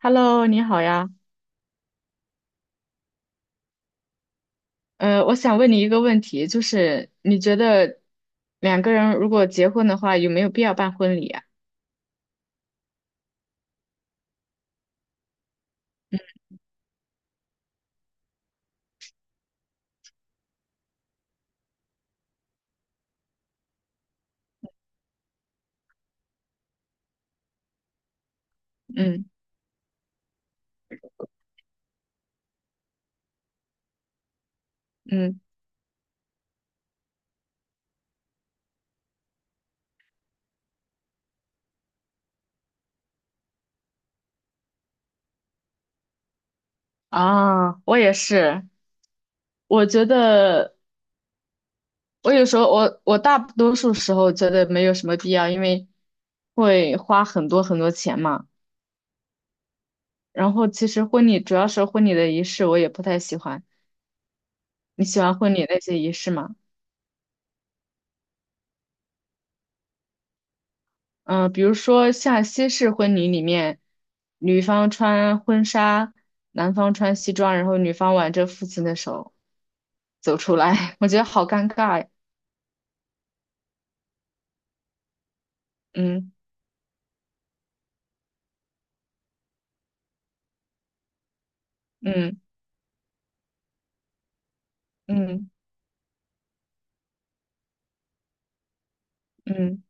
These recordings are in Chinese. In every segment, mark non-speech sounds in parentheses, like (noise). Hello，你好呀。我想问你一个问题，就是你觉得两个人如果结婚的话，有没有必要办婚礼啊？嗯嗯。啊，我也是。我觉得我大多数时候觉得没有什么必要，因为会花很多很多钱嘛。然后其实婚礼主要是婚礼的仪式，我也不太喜欢。你喜欢婚礼那些仪式吗？嗯。比如说像西式婚礼里面，女方穿婚纱，男方穿西装，然后女方挽着父亲的手走出来，(laughs) 我觉得好尴尬呀。嗯嗯嗯嗯。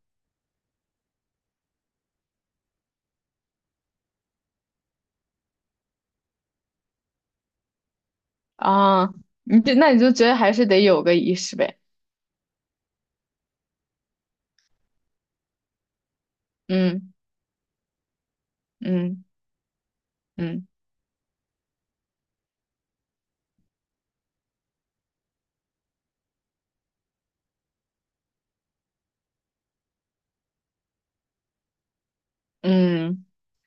啊，那你就觉得还是得有个仪式呗。嗯嗯嗯嗯，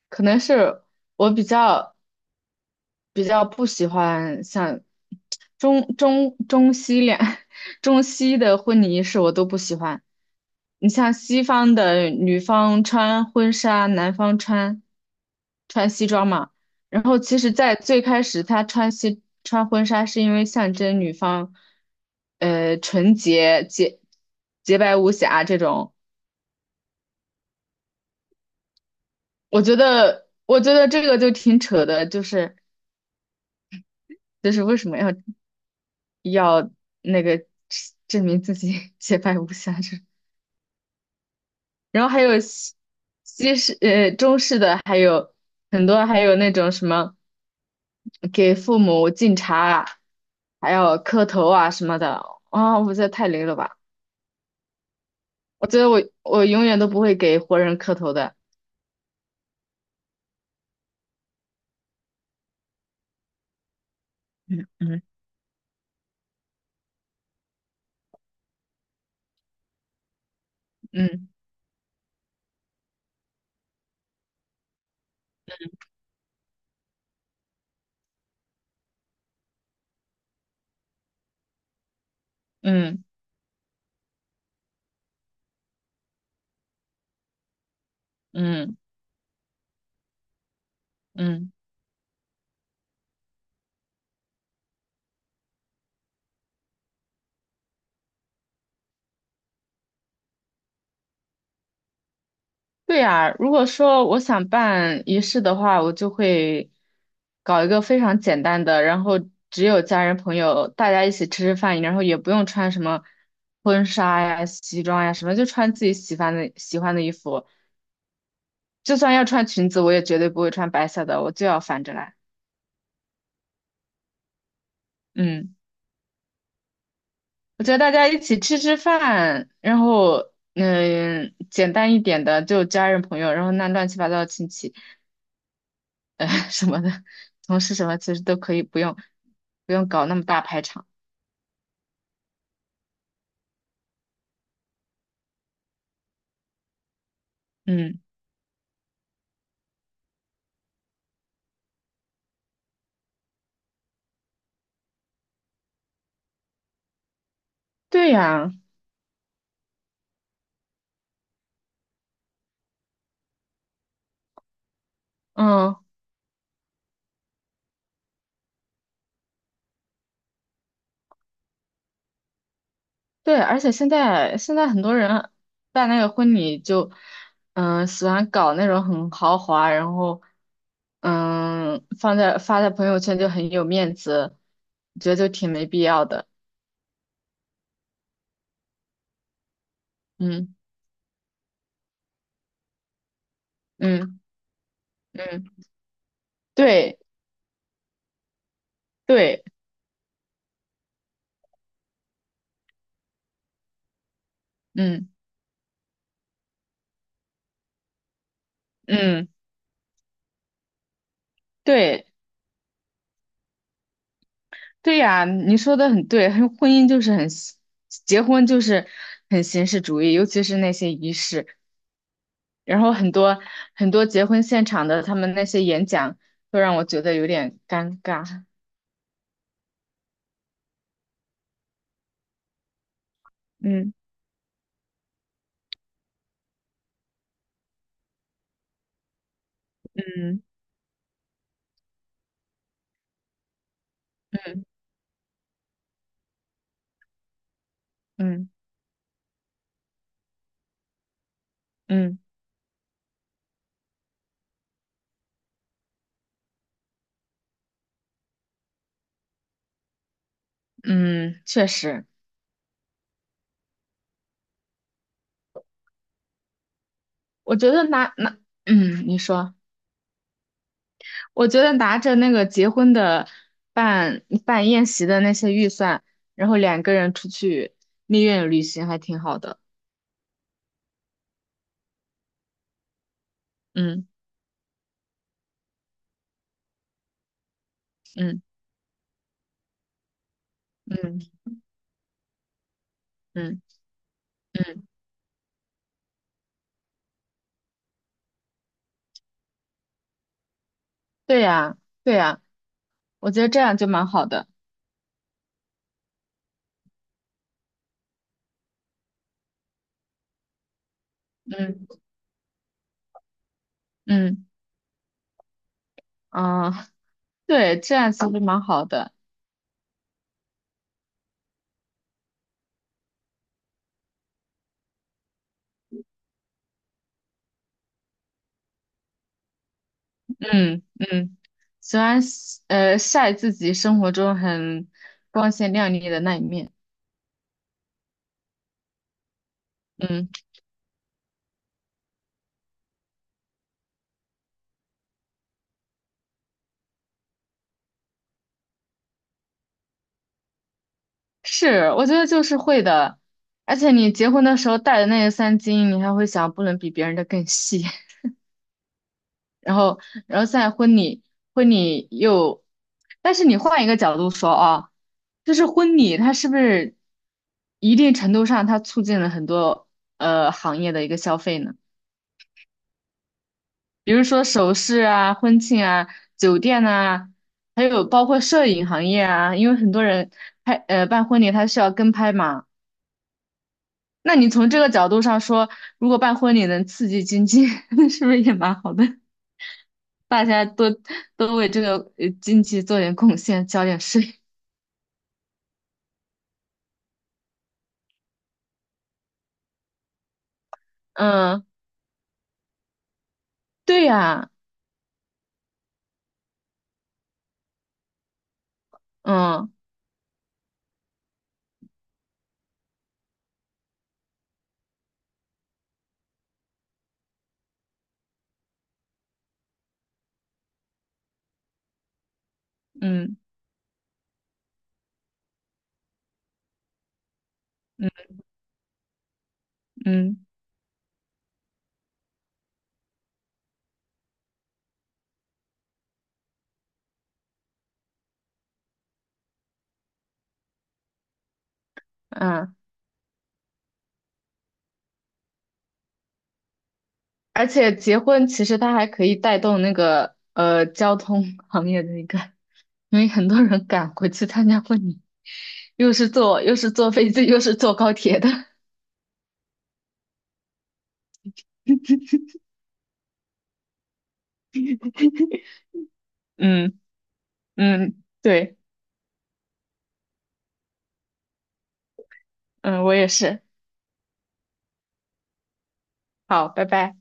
可能是我比较。比较不喜欢像中中中西两 (laughs) 中西的婚礼仪式我都不喜欢。你像西方的女方穿婚纱，男方穿西装嘛。然后其实，在最开始他穿婚纱是因为象征女方，纯洁洁洁白无瑕这种。我觉得这个就挺扯的，就是为什么要？要那个证明自己 (laughs) 洁白无瑕这种。然后还有西西式呃中式的，还有很多，还有那种什么给父母敬茶啊，还有磕头啊什么的啊，我觉得太雷了吧！我觉得我永远都不会给活人磕头的。嗯嗯嗯嗯嗯嗯。对呀，如果说我想办仪式的话，我就会搞一个非常简单的，然后只有家人朋友大家一起吃吃饭，然后也不用穿什么婚纱呀、西装呀什么，就穿自己喜欢的衣服。就算要穿裙子，我也绝对不会穿白色的，我就要反着来。嗯，我觉得大家一起吃吃饭，然后简单一点的就家人朋友，然后那乱七八糟的亲戚。(laughs) 什么的，同事什么其实都可以不用搞那么大排场。嗯，对呀，嗯，对，而且现在很多人办那个婚礼就，喜欢搞那种很豪华，然后，发在朋友圈就很有面子，我觉得就挺没必要的。嗯嗯嗯，对对，嗯嗯对。对呀，你说的很对，很婚姻就是很形，结婚就是很形式主义，尤其是那些仪式。然后很多很多结婚现场的他们那些演讲，都让我觉得有点尴尬。嗯嗯，嗯嗯嗯嗯，确实，我觉得嗯，你说，我觉得拿着那个结婚的办宴席的那些预算，然后两个人出去蜜月旅行还挺好的。嗯嗯。嗯嗯嗯，对呀，对呀，我觉得这样就蛮好的。嗯嗯啊，对，这样其实蛮好的。嗯嗯，喜欢晒自己生活中很光鲜亮丽的那一面。嗯，是，我觉得就是会的。而且你结婚的时候戴的那个三金，你还会想不能比别人的更细。然后，然后在婚礼，婚礼又，但是你换一个角度说啊，就是婚礼它是不是一定程度上它促进了很多行业的一个消费呢？比如说首饰啊、婚庆啊、酒店啊，还有包括摄影行业啊，因为很多人办婚礼他需要跟拍嘛。那你从这个角度上说，如果办婚礼能刺激经济，(laughs) 是不是也蛮好的？大家多多为这个经济做点贡献，交点税。嗯，对呀，嗯嗯嗯嗯嗯，而且结婚其实它还可以带动交通 (laughs) 行业的一个，因为很多人赶回去参加婚礼，又是坐飞机又是坐高铁的。(laughs) 嗯嗯，对，嗯，我也是。好，拜拜。